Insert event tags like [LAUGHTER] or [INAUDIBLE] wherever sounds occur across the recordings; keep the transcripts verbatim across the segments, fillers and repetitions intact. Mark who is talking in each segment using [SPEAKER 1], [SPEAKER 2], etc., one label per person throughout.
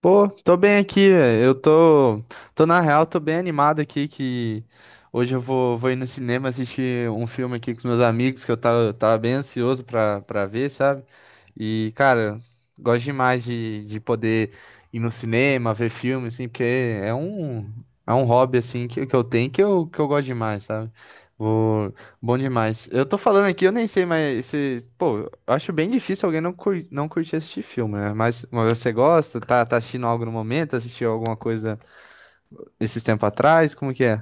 [SPEAKER 1] Pô, tô bem aqui, velho. eu tô, tô na real, tô bem animado aqui que hoje eu vou, vou ir no cinema assistir um filme aqui com os meus amigos que eu tava, tava bem ansioso pra, pra ver, sabe? E, cara, gosto demais de, de poder ir no cinema, ver filme, assim, porque é um, é um hobby, assim, que, que eu tenho que eu, que eu gosto demais, sabe? Vou, bom demais. Eu tô falando aqui, eu nem sei, mas se, pô, eu acho bem difícil alguém não, cur... não curtir assistir filme, né? Mas mas você gosta? Tá, tá assistindo algo no momento? Assistiu alguma coisa esses tempos atrás? Como que é?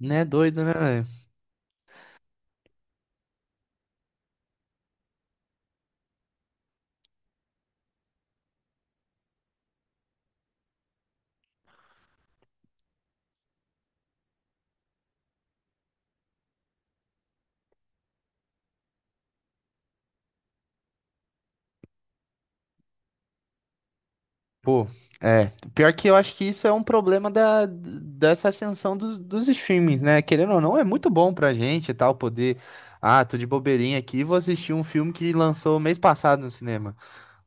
[SPEAKER 1] Né, doido, né, velho? Pô, é. Pior que eu acho que isso é um problema da, dessa ascensão dos, dos streamings, né? Querendo ou não, é muito bom pra gente e tal, poder. Ah, tô de bobeirinha aqui, vou assistir um filme que lançou mês passado no cinema.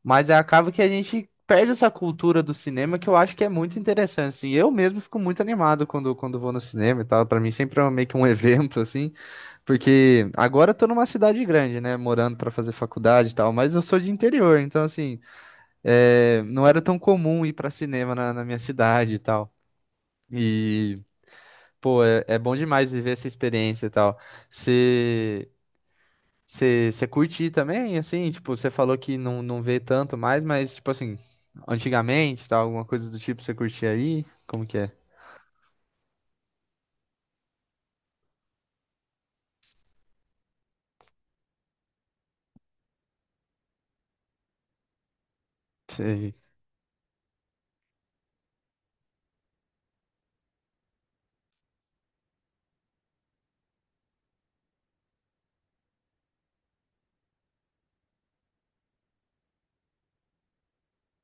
[SPEAKER 1] Mas é acaba que a gente perde essa cultura do cinema que eu acho que é muito interessante, assim. Eu mesmo fico muito animado quando, quando vou no cinema e tal. Pra mim sempre é um, meio que um [LAUGHS] evento, assim. Porque agora eu tô numa cidade grande, né? Morando pra fazer faculdade e tal. Mas eu sou de interior, então, assim, é, não era tão comum ir pra cinema na, na minha cidade e tal. E, pô, é, é bom demais viver essa experiência e tal. Você. Você você curte também, assim? Tipo, você falou que não, não vê tanto mais, mas, tipo assim, antigamente, tal, alguma coisa do tipo, você curtia aí? Como que é? Sei.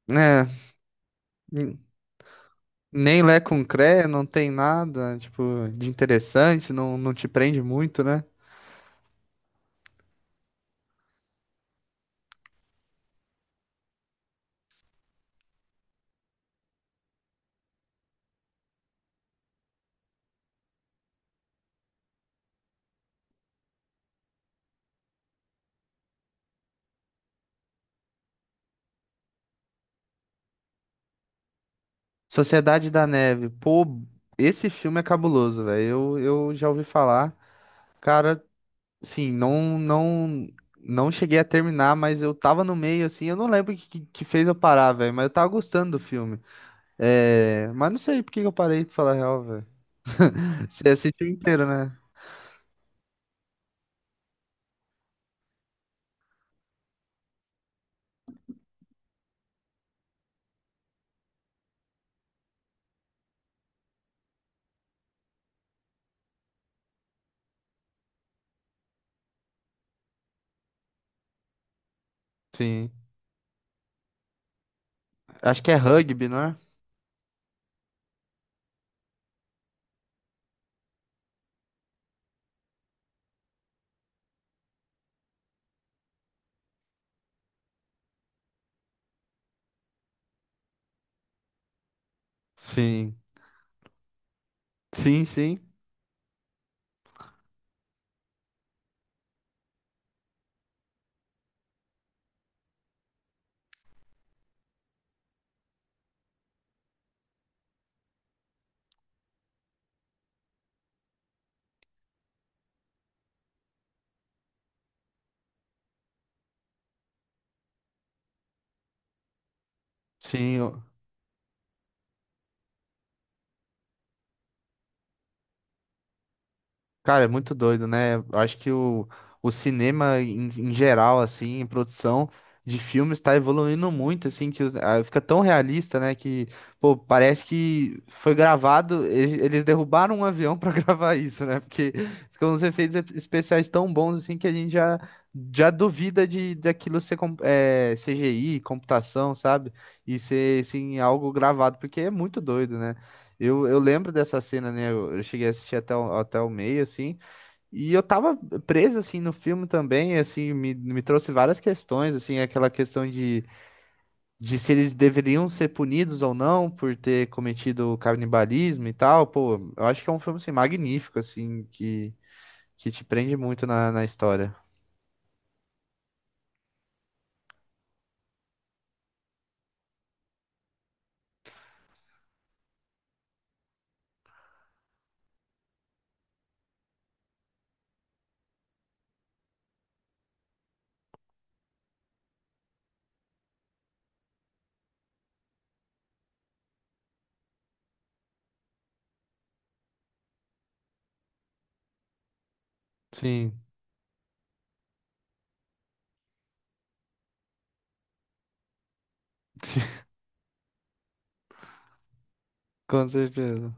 [SPEAKER 1] É, n- nem Lé com Cré, não tem nada, tipo, de interessante, não, não te prende muito, né? Sociedade da Neve, pô, esse filme é cabuloso, velho. Eu, eu já ouvi falar. Cara, sim, não, não, não cheguei a terminar, mas eu tava no meio, assim, eu não lembro o que, que que fez eu parar, velho, mas eu tava gostando do filme. É, mas não sei por que que eu parei de falar a real, velho. Você assistiu inteiro, né? Sim. Acho que é rugby, não é? Sim. Sim, sim. Sim. Cara, é muito doido, né? Eu acho que o, o cinema em, em geral, assim, em produção de filmes está evoluindo muito, assim, que os- ah, fica tão realista, né? Que, pô, parece que foi gravado, e- eles derrubaram um avião para [LAUGHS] gravar isso, né? Porque ficam uns efeitos e- especiais tão bons, assim, que a gente já, já duvida de daquilo ser com- é, C G I, computação, sabe? E ser, assim, algo gravado, porque é muito doido, né? Eu, eu lembro dessa cena, né? Eu, eu cheguei a assistir até o, até o meio, assim, e eu tava preso, assim, no filme também, assim, me, me trouxe várias questões, assim, aquela questão de, de se eles deveriam ser punidos ou não por ter cometido canibalismo e tal. Pô, eu acho que é um filme, assim, magnífico, assim, que, que te prende muito na, na história. Sim, [LAUGHS] sim, com certeza.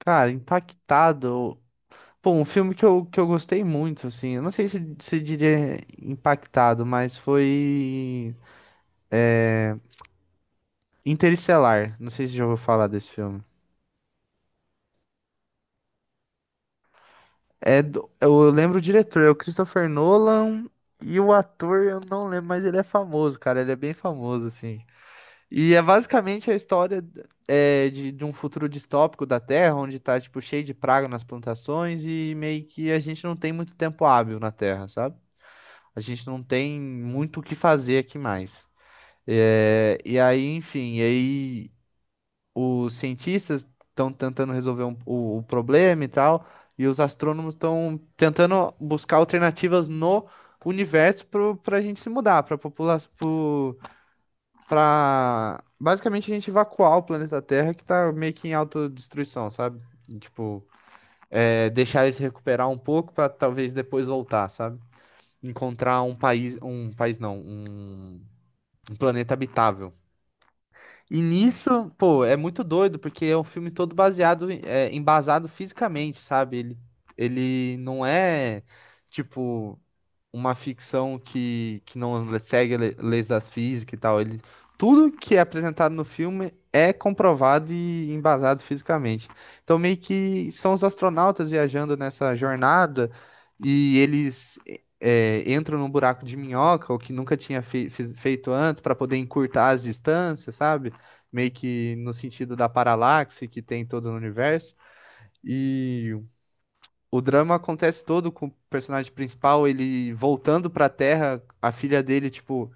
[SPEAKER 1] Cara, impactado. Pô, um filme que eu, que eu gostei muito, assim, eu não sei se, se diria impactado, mas foi Interestelar. Não sei se já ouviu falar desse filme. É do- eu lembro o diretor, é o Christopher Nolan, e o ator eu não lembro, mas ele é famoso, cara, ele é bem famoso, assim. E é basicamente a história é, de, de um futuro distópico da Terra, onde tá, tipo, cheio de praga nas plantações e meio que a gente não tem muito tempo hábil na Terra, sabe? A gente não tem muito o que fazer aqui mais. É, e aí, enfim, e aí os cientistas estão tentando resolver um- o, o problema e tal, e os astrônomos estão tentando buscar alternativas no universo para a gente se mudar, para população, para basicamente a gente evacuar o planeta Terra que tá meio que em autodestruição, sabe? E, tipo, é, deixar eles recuperar um pouco para talvez depois voltar, sabe? Encontrar um país, um país não, um um planeta habitável. E nisso, pô, é muito doido, porque é um filme todo baseado, em- é, embasado fisicamente, sabe? Ele, ele não é, tipo uma ficção que, que não segue le- leis da física e tal. Ele, tudo que é apresentado no filme é comprovado e embasado fisicamente. Então, meio que são os astronautas viajando nessa jornada e eles é, entram num buraco de minhoca, o que nunca tinha fe- fiz- feito antes, para poder encurtar as distâncias, sabe? Meio que no sentido da paralaxe que tem todo no universo. E o drama acontece todo com o personagem principal, ele voltando pra Terra, a filha dele, tipo,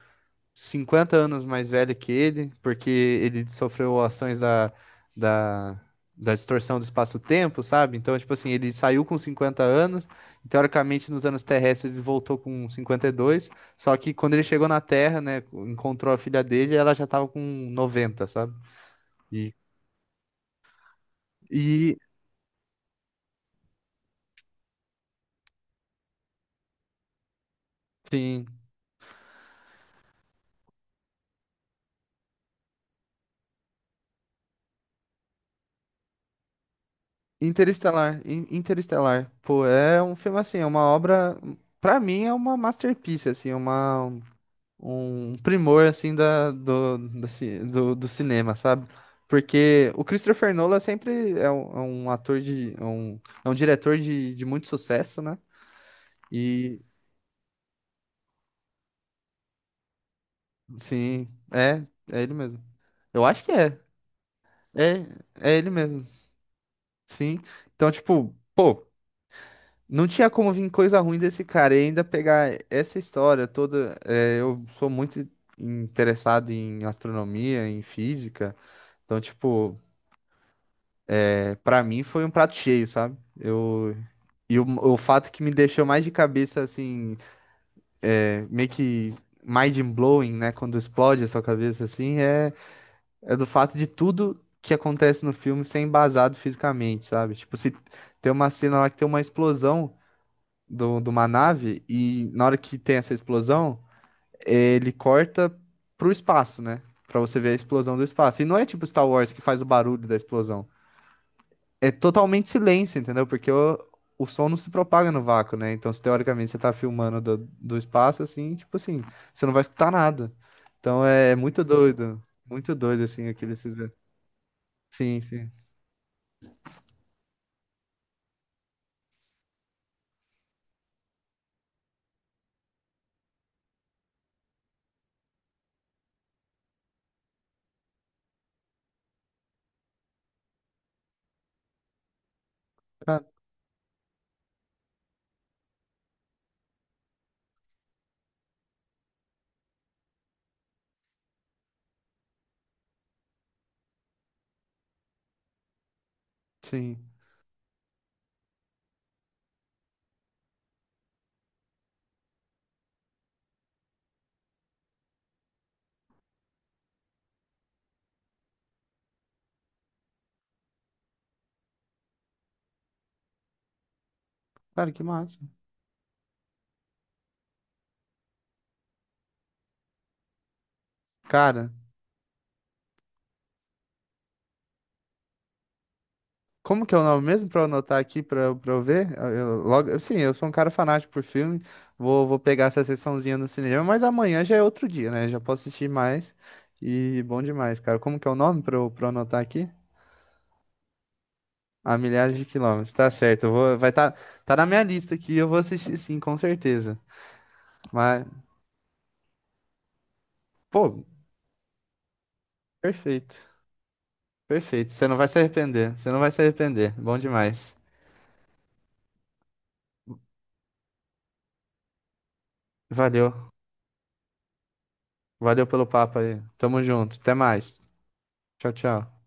[SPEAKER 1] cinquenta anos mais velha que ele, porque ele sofreu ações da, da, da distorção do espaço-tempo, sabe? Então, tipo assim, ele saiu com cinquenta anos, e, teoricamente nos anos terrestres ele voltou com cinquenta e dois, só que quando ele chegou na Terra, né, encontrou a filha dele, ela já tava com noventa, sabe? E, e sim, Interestelar, In- Interestelar, pô, é um filme assim, é uma obra, pra mim é uma masterpiece, assim, uma um primor assim da do, da ci- do, do cinema, sabe? Porque o Christopher Nolan sempre é um, é um ator de é um, é um diretor de, de muito sucesso, né? E sim, é, é ele mesmo. Eu acho que é, é, é ele mesmo. Sim. Então, tipo, pô. Não tinha como vir coisa ruim desse cara. E ainda pegar essa história toda. É, eu sou muito interessado em astronomia, em física. Então, tipo, é, para mim foi um prato cheio, sabe? Eu, e o, o fato que me deixou mais de cabeça, assim, é, meio que mind-blowing, né? Quando explode a sua cabeça, assim, é, é do fato de tudo que acontece no filme ser embasado fisicamente, sabe? Tipo, se tem uma cena lá que tem uma explosão. do, de uma nave e na hora que tem essa explosão, ele corta pro espaço, né? Pra você ver a explosão do espaço. E não é tipo Star Wars que faz o barulho da explosão. É totalmente silêncio, entendeu? Porque o, o som não se propaga no vácuo, né? Então, se teoricamente você tá filmando do, do espaço, assim, tipo assim, você não vai escutar nada. Então é muito doido. Muito doido, assim, aquele. Sim, sim. Cara, sim. Cara, que massa. Cara, como que é o nome mesmo para eu anotar aqui para para eu ver? Eu, eu logo, sim, eu sou um cara fanático por filme. Vou, vou pegar essa sessãozinha no cinema, mas amanhã já é outro dia, né? Já posso assistir mais. E bom demais, cara. Como que é o nome para eu, pra eu anotar aqui? A milhares de quilômetros. Tá certo. Eu vou, vai tá, tá na minha lista aqui. Eu vou assistir sim, com certeza. Mas, pô, perfeito. Perfeito. Você não vai se arrepender. Você não vai se arrepender. Bom demais. Valeu. Valeu pelo papo aí. Tamo junto. Até mais. Tchau, tchau.